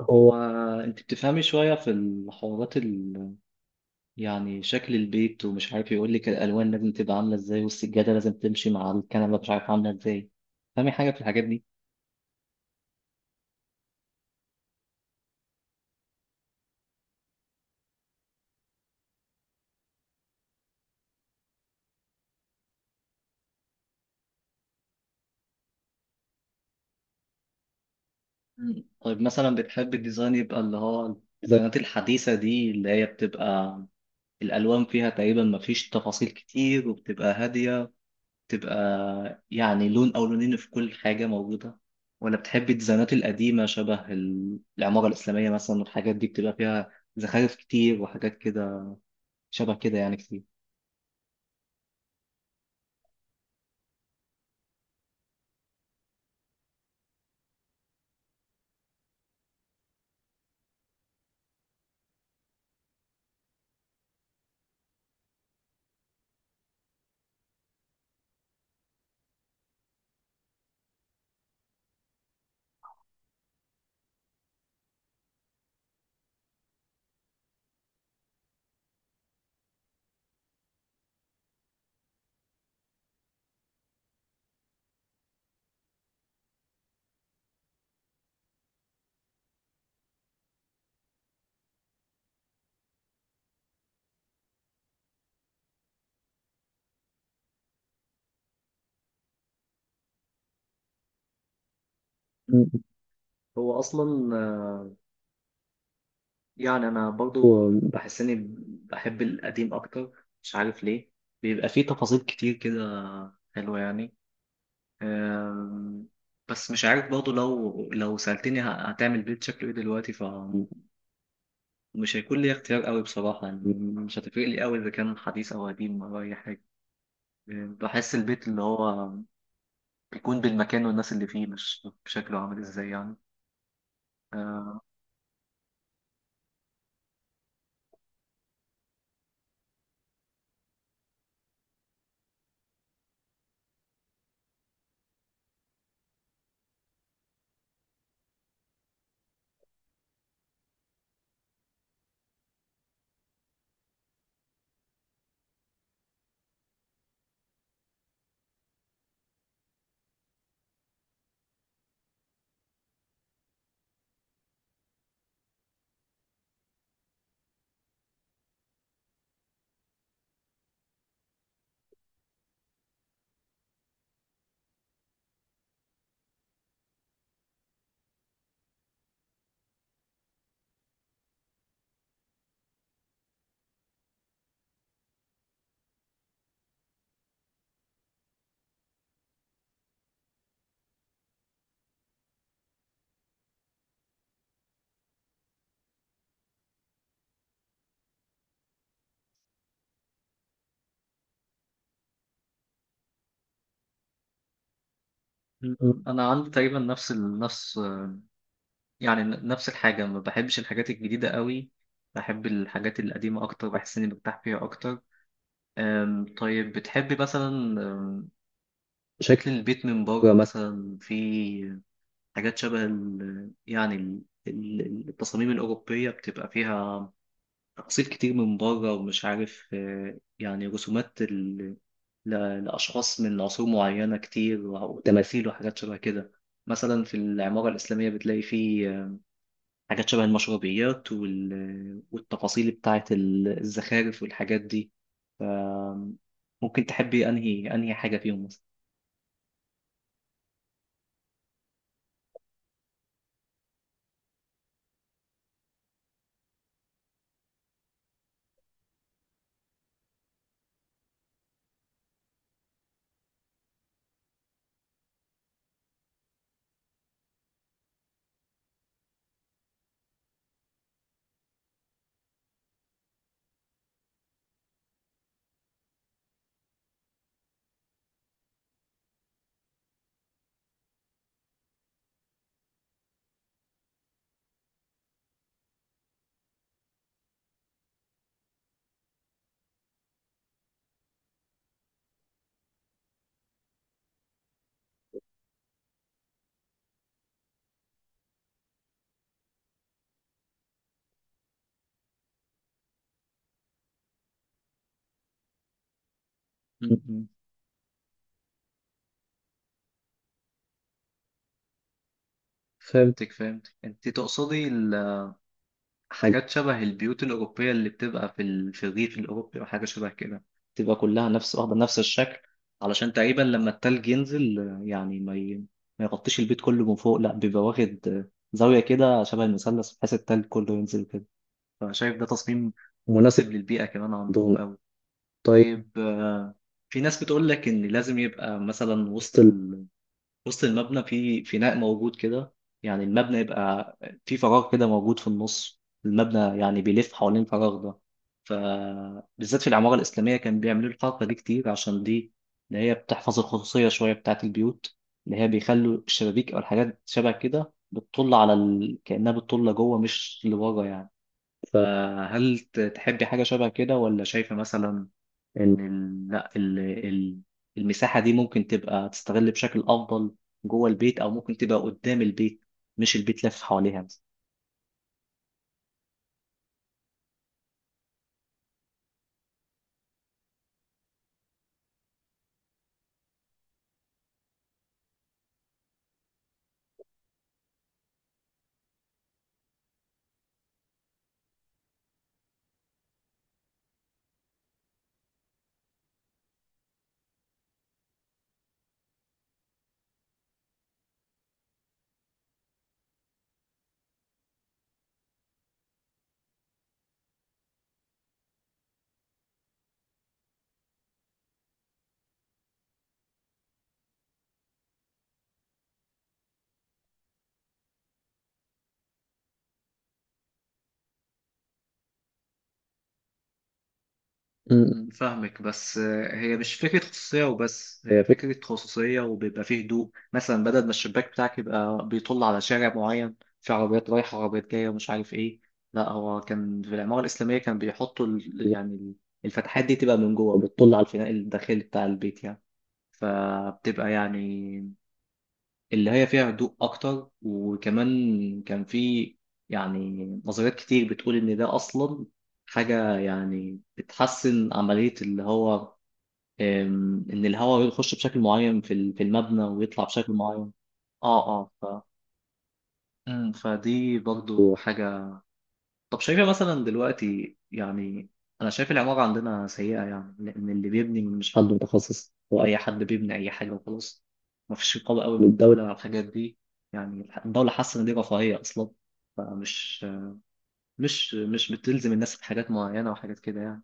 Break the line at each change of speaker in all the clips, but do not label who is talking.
هو، انت بتفهمي شويه في الحوارات يعني شكل البيت، ومش عارف يقول لك الالوان لازم تبقى عامله ازاي، والسجاده لازم تمشي مع الكنبه مش عارف عامله ازاي؟ فاهمي حاجه في الحاجات دي؟ مم. طيب مثلا بتحب الديزاين يبقى اللي هو الديزاينات الحديثه دي، اللي هي بتبقى الالوان فيها تقريبا ما فيش تفاصيل كتير وبتبقى هاديه، تبقى يعني لون أو لونين في كل حاجة موجودة، ولا بتحبي الديزاينات القديمة شبه العمارة الإسلامية مثلا، والحاجات دي بتبقى فيها زخارف كتير وحاجات كده، شبه كده يعني كتير؟ مم. هو أصلا يعني أنا برضو بحس إني بحب القديم أكتر، مش عارف ليه، بيبقى فيه تفاصيل كتير كده حلوة يعني. آم، بس مش عارف برضو، لو سألتني هتعمل بيت شكله إيه دلوقتي، مش هيكون لي اختيار قوي بصراحة يعني، مش هتفرق لي قوي إذا كان حديث أو قديم أو أي حاجة. بحس البيت اللي هو بيكون بالمكان والناس اللي فيه، مش بشكله عامل إزاي يعني. آه، مم. أنا عندي تقريبا نفس يعني نفس الحاجة، ما بحبش الحاجات الجديدة قوي، بحب الحاجات القديمة أكتر، بحس إني برتاح فيها أكتر. طيب بتحبي مثلا، آم، شكل البيت من بره مثلا، في حاجات شبه التصاميم الأوروبية، بتبقى فيها تقسيط كتير من بره ومش عارف يعني رسومات لأشخاص من عصور معينة كتير، وتماثيل وحاجات شبه كده. مثلا في العمارة الإسلامية بتلاقي فيه حاجات شبه المشربيات والتفاصيل بتاعة الزخارف والحاجات دي. ف- ممكن تحبي أنهي حاجة فيهم مثلا؟ م- م. فهمتك، فهمتك، أنت تقصدي حاجات شبه البيوت الأوروبية اللي بتبقى في في الريف الأوروبي أو حاجة شبه كده، تبقى كلها نفس، واخدة نفس الشكل، علشان تقريبا لما التلج ينزل آه، يعني ما يغطيش البيت كله من فوق، لا بيبقى واخد آه، زاوية كده شبه المثلث، بحيث التلج كله ينزل كده. فشايف ده تصميم مناسب للبيئة كمان عندهم أوي. طيب آه، في ناس بتقول لك إن لازم يبقى مثلا وسط المبنى في فناء موجود كده، يعني المبنى يبقى في فراغ كده موجود في النص، المبنى يعني بيلف حوالين الفراغ ده. فبالذات في العمارة الإسلامية كان بيعملوا الحركة دي كتير، عشان دي إن هي بتحفظ الخصوصية شوية بتاعة البيوت، إن هي بيخلوا الشبابيك أو الحاجات شبه كده بتطل على كأنها بتطل جوه مش لبره يعني. فهل تحبي حاجة شبه كده، ولا شايفة مثلا إن ال- لا ال- ال- المساحة دي ممكن تبقى تستغل بشكل أفضل جوه البيت، أو ممكن تبقى قدام البيت، مش البيت لف حواليها؟ م- م. فاهمك، بس آه، هي مش فكرة خصوصية وبس، هي فكرة خصوصية وبيبقى فيه هدوء مثلا، بدل ما الشباك بتاعك يبقى بيطل على شارع معين، في عربيات رايحة وعربيات جاية ومش عارف ايه. لا، هو كان في العمارة الإسلامية كان بيحطوا يعني الفتحات دي تبقى من جوه، بتطل على الفناء الداخلي بتاع البيت يعني. فبتبقى يعني اللي هي فيها هدوء أكتر، وكمان كان في يعني نظريات كتير بتقول إن ده أصلا حاجة يعني بتحسن عملية اللي هو إن الهواء يخش بشكل معين في في المبنى ويطلع بشكل معين. اه، اه. ف... مم، فدي برضو حاجة. طب شايفة مثلا دلوقتي يعني، أنا شايف العمارة عندنا سيئة يعني، لأن اللي بيبني مش حد متخصص، هو أي حد بيبني أي حاجة وخلاص، مفيش رقابة قوي من الدولة على الحاجات دي. يعني الدولة حاسة إن دي رفاهية أصلا، فمش مش بتلزم الناس بحاجات معينة وحاجات كده يعني.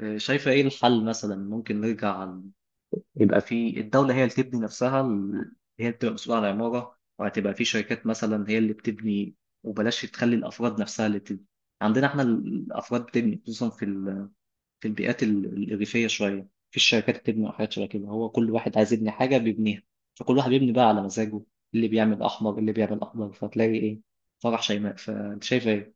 إيه، شايفة إيه الحل مثلا؟ ممكن نرجع يبقى في الدولة هي اللي تبني نفسها، هي اللي بتبقى مسؤولة عن العمارة، وهتبقى في شركات مثلا هي اللي بتبني، وبلاش تخلي الأفراد نفسها اللي تبني. عندنا احنا الأفراد بتبني، خصوصا في في البيئات الريفية شوية، في الشركات بتبني وحاجات شبه كده، هو كل واحد عايز يبني حاجة بيبنيها، فكل واحد بيبني بقى على مزاجه، اللي بيعمل أحمر، اللي بيعمل أخضر، فتلاقي إيه فرح شيماء. فأنت شايف إيه؟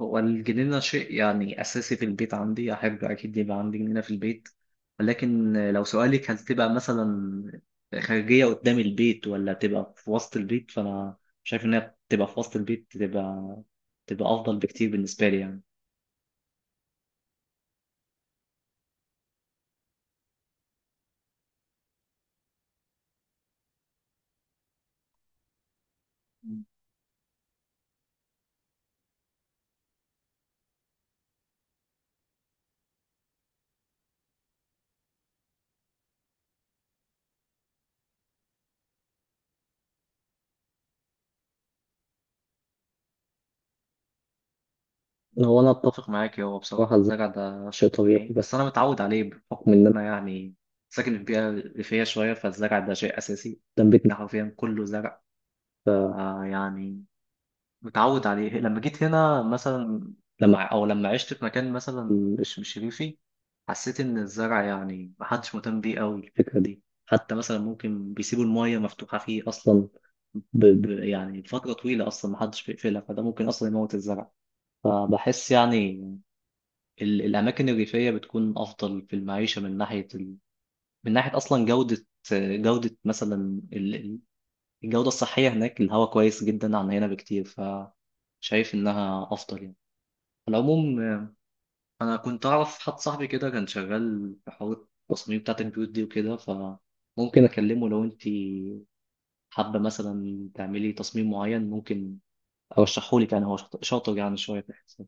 هو الجنينة شيء يعني أساسي في البيت عندي، أحب أكيد يبقى عندي جنينة في البيت. ولكن لو سؤالك هل تبقى مثلا خارجية قدام البيت، ولا تبقى في وسط البيت، فأنا شايف إنها تبقى في وسط البيت، تبقى تبقى أفضل بكتير بالنسبة لي يعني. هو انا اتفق معاك، هو بصراحة، الزرع ده شيء طبيعي، بس أنا متعود عليه بحكم إن من أنا يعني ساكن في بيئة ريفية شوية، فالزرع ده شيء أساسي، قدام بيتنا ده حرفيا كله زرع. آه يعني متعود عليه، لما جيت هنا مثلا، لما او لما عشت في مكان مثلا مش ريفي، حسيت ان الزرع يعني محدش مهتم بيه قوي الفكره دي. حتى مثلا ممكن بيسيبوا المايه مفتوحه فيه اصلا يعني فتره طويله اصلا محدش بيقفلها، فده ممكن اصلا يموت الزرع. فبحس يعني الاماكن الريفيه بتكون افضل في المعيشه من ناحيه من ناحيه اصلا جوده، جوده مثلا الجوده الصحيه، هناك الهواء كويس جدا عن هنا بكتير، فشايف انها افضل يعني. على العموم آه، انا كنت اعرف حد صاحبي كده كان شغال في حوار التصميم بتاعت البيوت دي وكده، فممكن اكلمه لو انت حابه مثلا تعملي تصميم معين، ممكن ارشحه لك يعني، هو شاطر، شاطر يعني شويه في الحساب.